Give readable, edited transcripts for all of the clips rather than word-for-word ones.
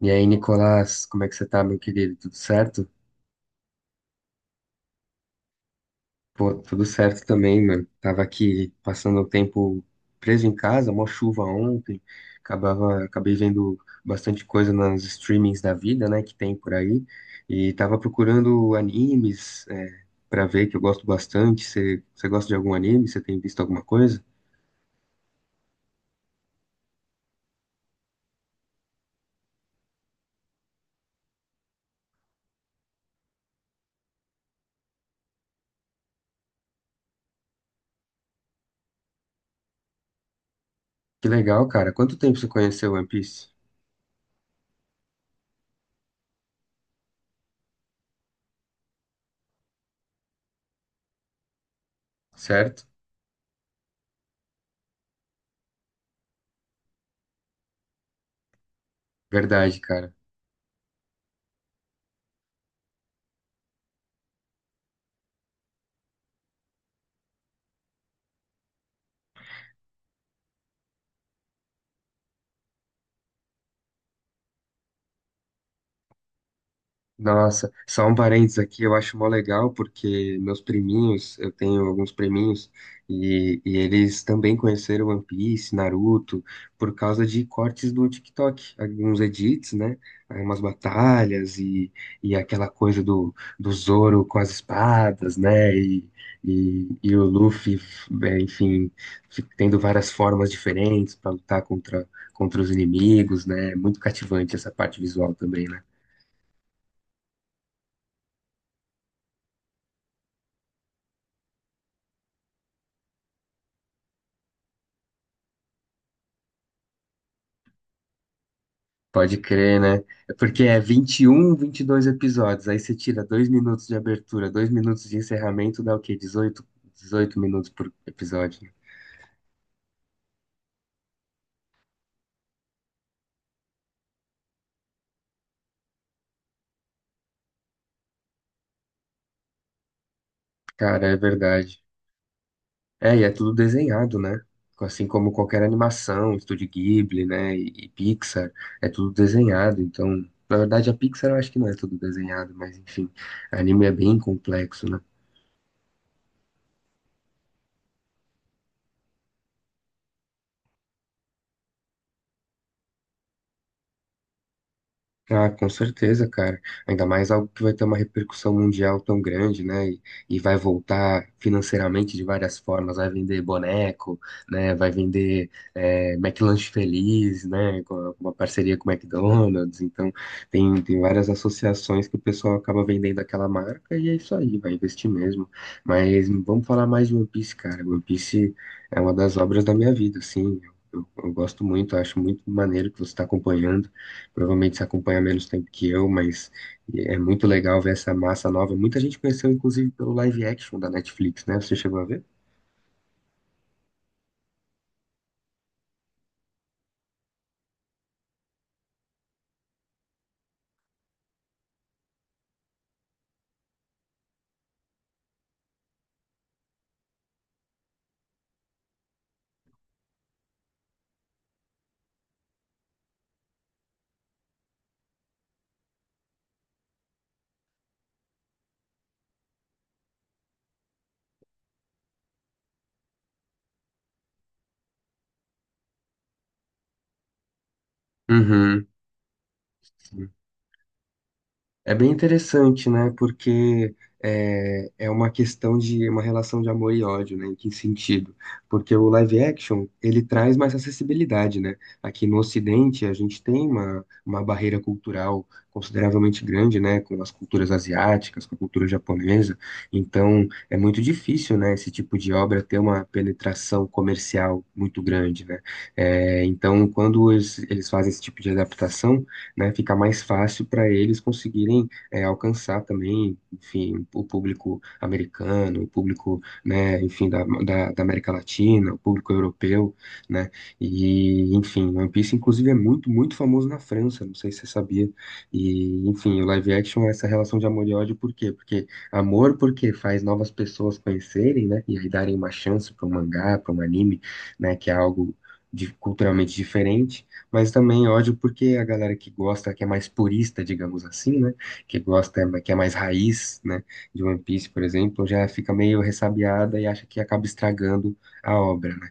E aí, Nicolás, como é que você tá, meu querido? Tudo certo? Pô, tudo certo também, mano. Tava aqui passando o tempo preso em casa, mó chuva ontem. Acabei vendo bastante coisa nos streamings da vida, né, que tem por aí. E tava procurando animes, pra ver, que eu gosto bastante. Você gosta de algum anime? Você tem visto alguma coisa? Que legal, cara. Quanto tempo você conheceu One Piece? Certo? Verdade, cara. Nossa, só um parênteses aqui, eu acho mó legal porque meus priminhos, eu tenho alguns priminhos, e eles também conheceram One Piece, Naruto, por causa de cortes do TikTok, alguns edits, né? Aí umas batalhas e aquela coisa do Zoro com as espadas, né? E o Luffy, enfim, tendo várias formas diferentes para lutar contra os inimigos, né? Muito cativante essa parte visual também, né? Pode crer, né? É porque é um, 21, dois episódios. Aí você tira dois minutos de abertura, dois minutos de encerramento, dá o quê? Dezoito minutos por episódio, né? Cara, é verdade. E é tudo desenhado, né? Assim como qualquer animação, Estúdio Ghibli, né? E Pixar, é tudo desenhado. Então, na verdade, a Pixar eu acho que não é tudo desenhado, mas enfim, anime é bem complexo, né? Ah, com certeza, cara. Ainda mais algo que vai ter uma repercussão mundial tão grande, né? E vai voltar financeiramente de várias formas. Vai vender boneco, né? Vai vender McLanche Feliz, né? Com uma parceria com o McDonald's. Então, tem várias associações que o pessoal acaba vendendo aquela marca e é isso aí, vai investir mesmo. Mas vamos falar mais de One Piece, cara. One Piece é uma das obras da minha vida, assim. Eu gosto muito, acho muito maneiro que você está acompanhando. Provavelmente você acompanha menos tempo que eu, mas é muito legal ver essa massa nova. Muita gente conheceu, inclusive, pelo live action da Netflix, né? Você chegou a ver? Uhum. É bem interessante, né? Porque é uma questão de uma relação de amor e ódio, né? Em que sentido? Porque o live action, ele traz mais acessibilidade, né? Aqui no Ocidente, a gente tem uma barreira cultural consideravelmente grande, né? Com as culturas asiáticas, com a cultura japonesa. Então, é muito difícil, né? Esse tipo de obra ter uma penetração comercial muito grande, né? É, então, quando eles fazem esse tipo de adaptação, né, fica mais fácil para eles conseguirem alcançar também, enfim, o público americano, o público, né, enfim, da América Latina, o público europeu, né, e, enfim, One Piece, inclusive, é muito, muito famoso na França, não sei se você sabia, e, enfim, o live action é essa relação de amor e ódio, por quê? Porque amor, porque faz novas pessoas conhecerem, né, e aí darem uma chance para um mangá, para um anime, né, que é algo culturalmente diferente, mas também ódio porque a galera que gosta, que é mais purista, digamos assim, né? Que gosta, que é mais raiz, né? De One Piece, por exemplo, já fica meio ressabiada e acha que acaba estragando a obra, né?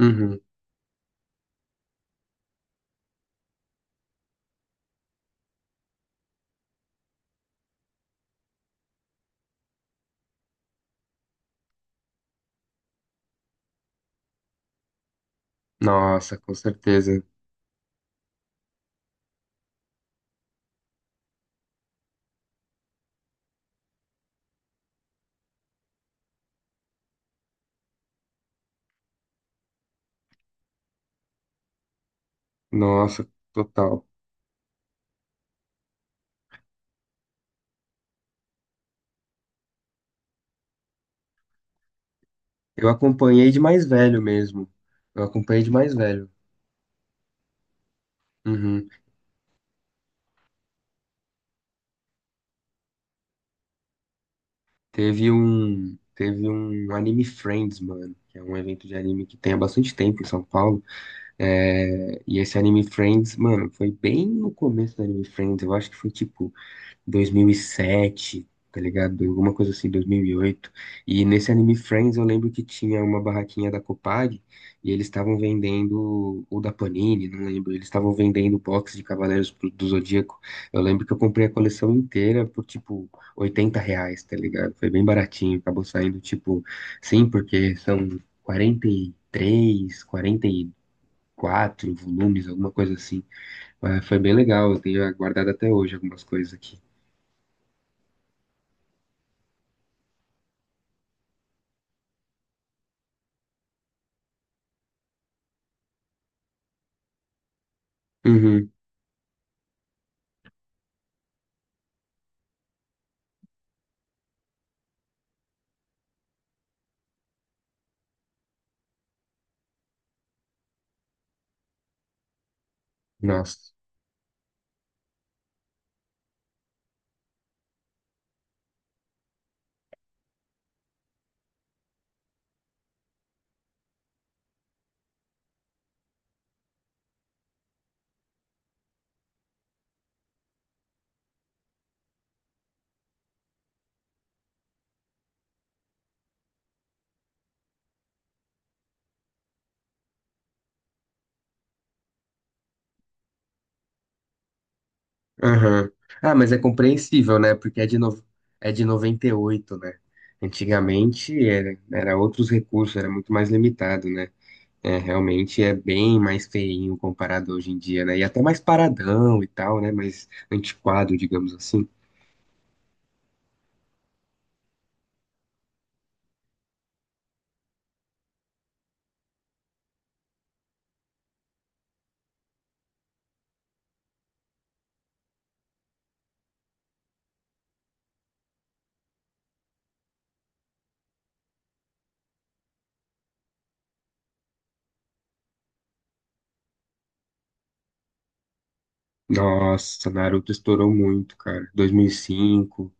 Uhum. Nossa, com certeza. Nossa, total. Eu acompanhei de mais velho mesmo. Eu acompanhei de mais velho. Uhum. Teve um Anime Friends, mano, que é um evento de anime que tem há bastante tempo em São Paulo. E esse Anime Friends, mano, foi bem no começo do Anime Friends, eu acho que foi tipo 2007, tá ligado? Alguma coisa assim, 2008, e nesse Anime Friends eu lembro que tinha uma barraquinha da Copag e eles estavam vendendo, ou da Panini, não lembro, eles estavam vendendo box de Cavaleiros do Zodíaco. Eu lembro que eu comprei a coleção inteira por tipo R$ 80, tá ligado? Foi bem baratinho, acabou saindo tipo, sim, porque são 43, 40, quatro volumes, alguma coisa assim. Mas foi bem legal, eu tenho guardado até hoje algumas coisas aqui. Uhum, nossa. Aham. Ah, mas é compreensível, né? Porque é de, no... é de 98, né? Antigamente era, outros recursos, era muito mais limitado, né? É, realmente é bem mais feinho comparado hoje em dia, né? E até mais paradão e tal, né? Mais antiquado, digamos assim. Nossa, Naruto estourou muito, cara. 2005,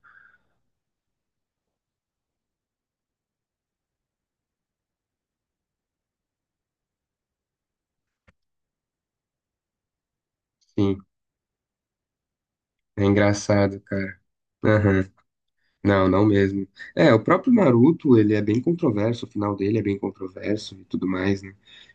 sim. É engraçado, cara. Aham. Não, não mesmo. É, o próprio Naruto, ele é bem controverso, o final dele é bem controverso e tudo mais, né?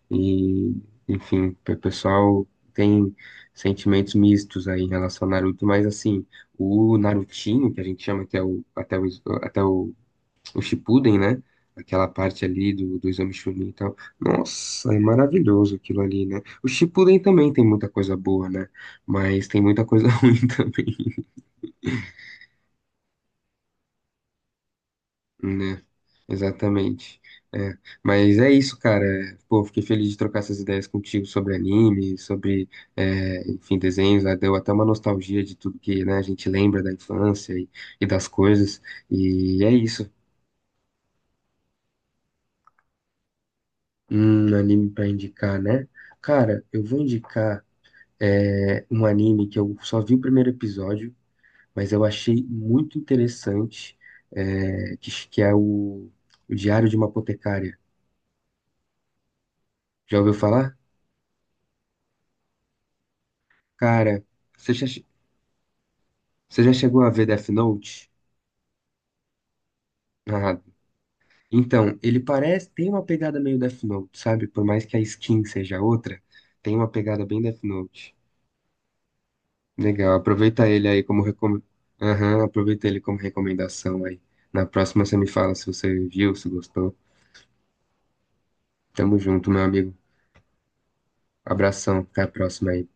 E, enfim, o pessoal tem sentimentos mistos aí em relação ao Naruto, mas assim, o Narutinho, que a gente chama até o Shippuden, né? Aquela parte ali do Exame Chunin e tal. Nossa, é maravilhoso aquilo ali, né? O Shippuden também tem muita coisa boa, né? Mas tem muita coisa ruim também. Né, exatamente. É, mas é isso, cara. Pô, fiquei feliz de trocar essas ideias contigo sobre anime, sobre, enfim, desenhos, né? Deu até uma nostalgia de tudo que, né, a gente lembra da infância e das coisas. E é isso. Um anime pra indicar, né? Cara, eu vou indicar, um anime que eu só vi o primeiro episódio, mas eu achei muito interessante, que é o Diário de uma Apotecária. Já ouviu falar? Cara, você já, che- você já chegou a ver Death Note? Ah, então, ele parece, tem uma pegada meio Death Note, sabe? Por mais que a skin seja outra, tem uma pegada bem Death Note. Legal, aproveita ele aí como recom... Aham, aproveita ele como recomendação aí. Na próxima você me fala se você viu, se gostou. Tamo junto, meu amigo. Abração, até a próxima aí.